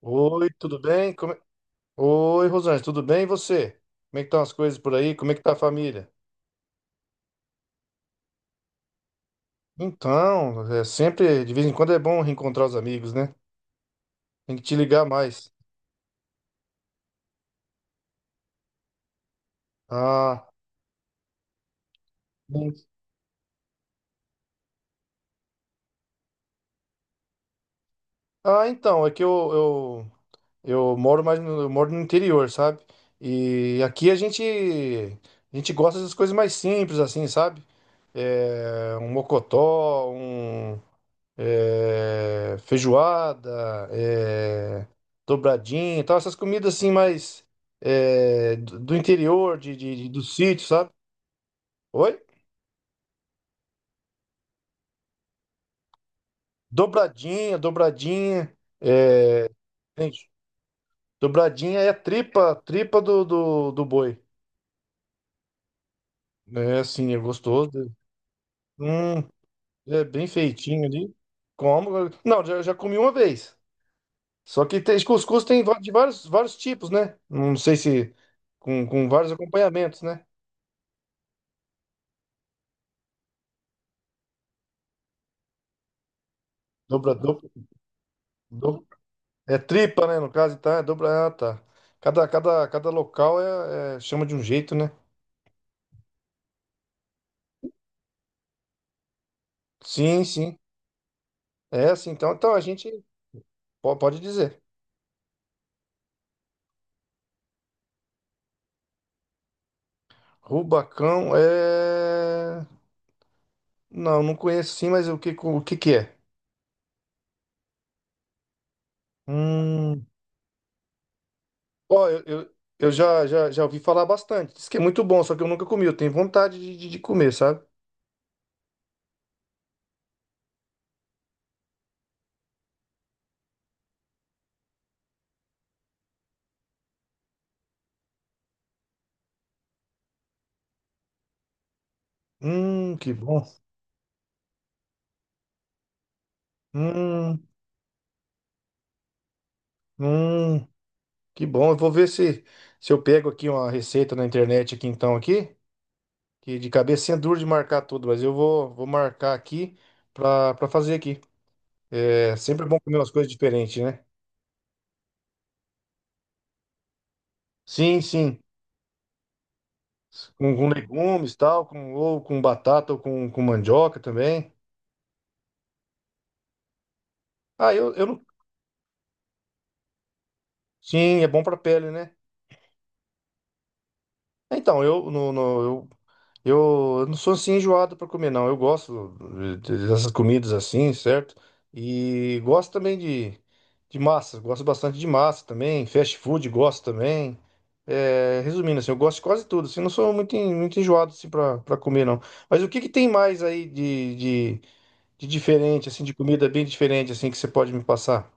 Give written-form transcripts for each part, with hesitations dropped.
Oi, tudo bem? Oi, Rosângela, tudo bem? E você? Como é que estão as coisas por aí? Como é que tá a família? Então, é sempre, de vez em quando é bom reencontrar os amigos, né? Tem que te ligar mais. Ah, bem- então, é que eu moro mais no, eu moro no interior, sabe? E aqui a gente gosta das coisas mais simples, assim, sabe? É, um mocotó, feijoada, é, dobradinha e tal, essas comidas assim mais, do interior, do sítio, sabe? Oi? Dobradinha, é, gente, dobradinha é a tripa, tripa do boi. É assim, é gostoso. Hum, é bem feitinho ali. Como? Não, já comi uma vez. Só que tem, cuscuz tem de vários, vários tipos, né? Não sei se com, com vários acompanhamentos, né? Dobra, dobra, dobra. É tripa, né? No caso, então é dobra. Ah, tá. Cada local chama de um jeito, né? Sim, sim. É assim, então, então a gente pode dizer. Rubacão é. Não, não conheço sim, mas o que que é? Hum. Ó, eu já ouvi falar bastante. Diz que é muito bom, só que eu nunca comi. Eu tenho vontade de comer, sabe? Que bom. Hum, hum, que bom. Eu vou ver se, se eu pego aqui uma receita na internet aqui então aqui. Que de cabecinha é duro de marcar tudo, mas eu vou marcar aqui pra fazer aqui. É sempre bom comer umas coisas diferentes, né? Sim, sim. Com legumes, tal, com, ou com batata, ou com mandioca também. Ah, eu não. Sim, é bom pra pele, né? Então, eu, no, no- eu eu não sou assim enjoado para comer, não. Eu gosto dessas comidas assim, certo? E gosto também de massa. Gosto bastante de massa também. Fast food, gosto também. É, resumindo, assim, eu gosto de quase tudo. Assim, não sou muito, muito enjoado assim, para comer, não. Mas o que que tem mais aí de diferente, assim, de comida bem diferente, assim, que você pode me passar?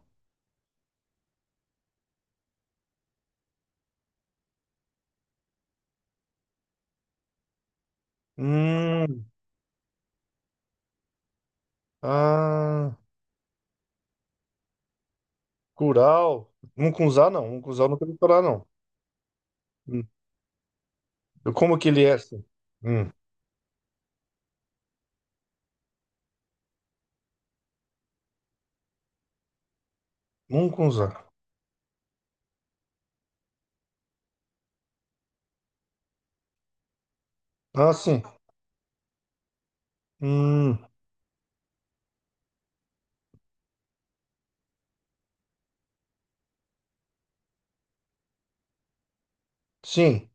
Hum, ah, curau. Mungunzá, não. Mungunzá eu nunca vi falar, não. Hum, como que ele é, assim? Hum. Mungunzá. Ah, sim. Hum, sim.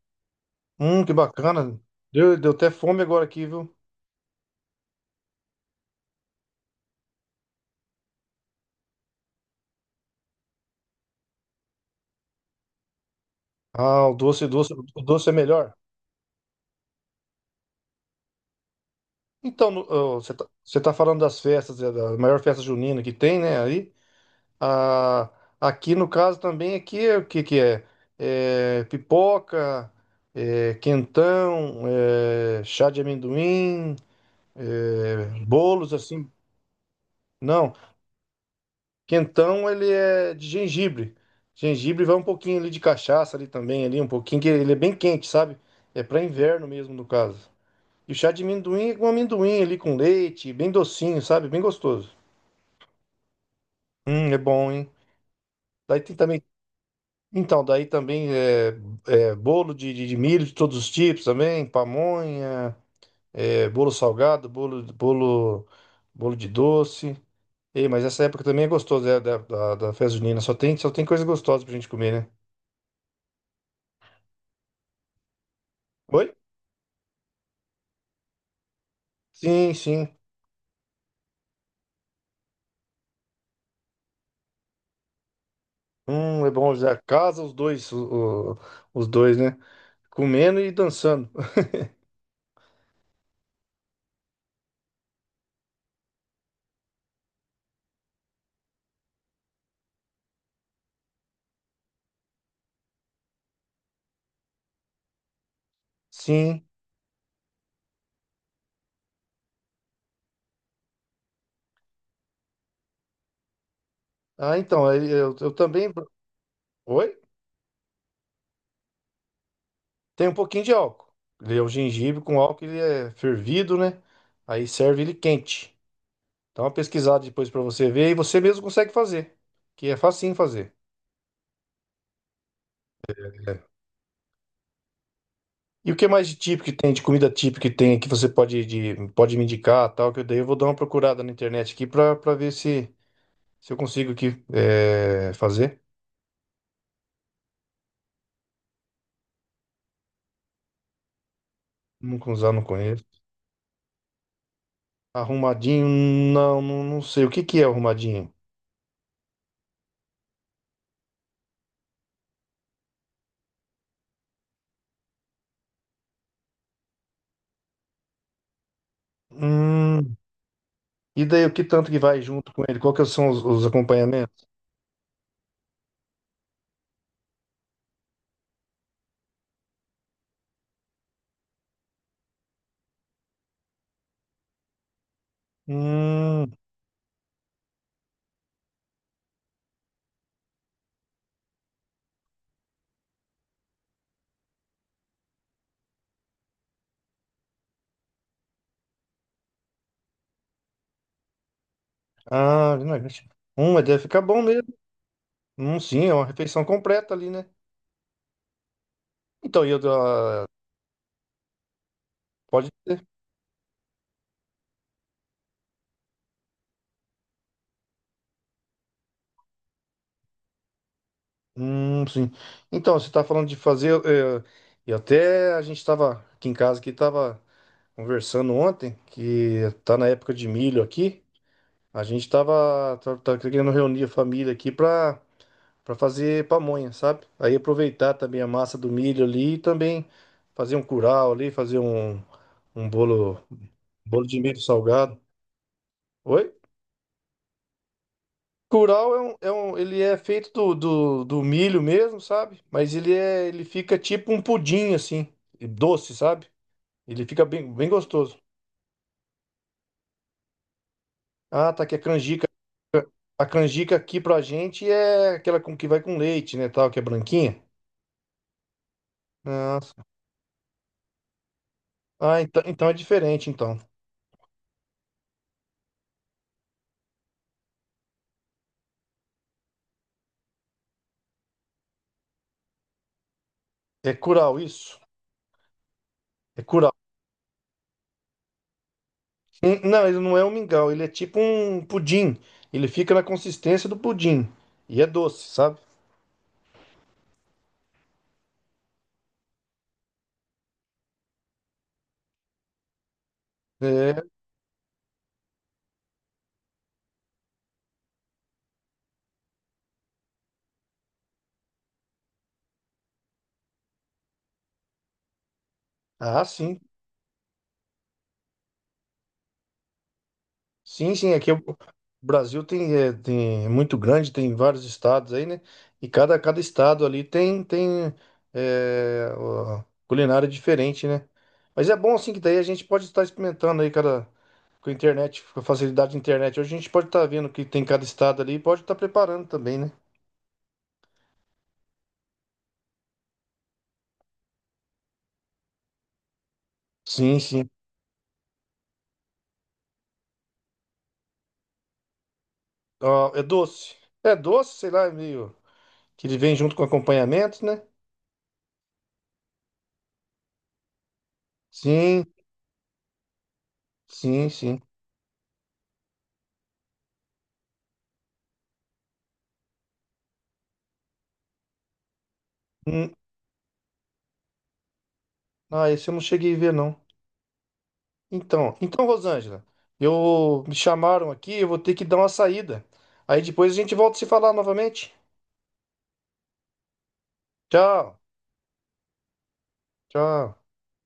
Que bacana. Deu, deu até fome agora aqui, viu? Ah, o doce, doce, o doce é melhor. Então, ó, você tá falando das festas, é, da maior festa junina que tem, né? Aí, ah, aqui no caso também, aqui é o que que é? É pipoca, é quentão, é chá de amendoim, é bolos assim. Não. Quentão, ele é de gengibre. Gengibre vai um pouquinho ali de cachaça ali também, ali um pouquinho, que ele é bem quente, sabe? É para inverno mesmo, no caso. E o chá de amendoim é com amendoim ali com leite, bem docinho, sabe? Bem gostoso. É bom, hein? Daí tem também. Então, daí também é, é bolo de milho de todos os tipos também, pamonha, é, bolo salgado, bolo de doce. Ei, mas essa época também é gostosa, é, da festa junina. Só tem coisa gostosa pra gente comer, né? Oi? Sim, sim. É bom já. Casa os dois, os dois, né? Comendo e dançando. Sim. Ah, então, aí eu também. Oi? Tem um pouquinho de álcool. Ele é o gengibre com álcool, ele é fervido, né? Aí serve ele quente. Dá uma pesquisada depois pra você ver e você mesmo consegue fazer. Que é facinho fazer. É. E o que mais de típico que tem, de comida típica que tem, que você pode, de, pode me indicar, tal, que eu daí eu vou dar uma procurada na internet aqui pra, pra ver se, se eu consigo aqui, é, fazer. Nunca usar, não conheço. Arrumadinho, não, não, não sei. O que que é arrumadinho? Hum, e daí o que tanto que vai junto com ele? Qual que são os acompanhamentos? Hum, ah, não, gente. Hum, mas deve ficar bom mesmo. Sim, é uma refeição completa ali, né? Então, e eu, ah, pode ser. Sim. Então, você tá falando de fazer, eh, e até a gente tava aqui em casa, que tava conversando ontem, que tá na época de milho aqui. A gente tá querendo reunir a família aqui pra, pra fazer pamonha, sabe? Aí aproveitar também a massa do milho ali e também fazer um curau ali, fazer um, um bolo, bolo de milho salgado. Oi? Curau é um, ele é feito do milho mesmo, sabe? Mas ele é, ele fica tipo um pudim assim, e doce, sabe? Ele fica bem, bem gostoso. Ah, tá que a canjica aqui pra gente é aquela com que vai com leite, né, tal, que é branquinha. Ah, ah, então, então é diferente, então. É curau, isso? É curau. Não, ele não é um mingau, ele é tipo um pudim. Ele fica na consistência do pudim. E é doce, sabe? É. Ah, sim. Sim, sim, aqui o Brasil tem é muito grande, tem vários estados aí, né? E cada, cada estado ali tem é, ó, culinária diferente, né? Mas é bom assim que daí a gente pode estar experimentando aí cada com a internet, com a facilidade da internet. Hoje a gente pode estar vendo o que tem cada estado ali e pode estar preparando também, né? Sim, sim. Ó, é doce. É doce, sei lá, é meio que ele vem junto com acompanhamento, né? Sim, sim, sim. Hum, ah, esse eu não cheguei a ver, não. Então, então, Rosângela, eu me chamaram aqui, eu vou ter que dar uma saída. Aí depois a gente volta a se falar novamente. Tchau, tchau.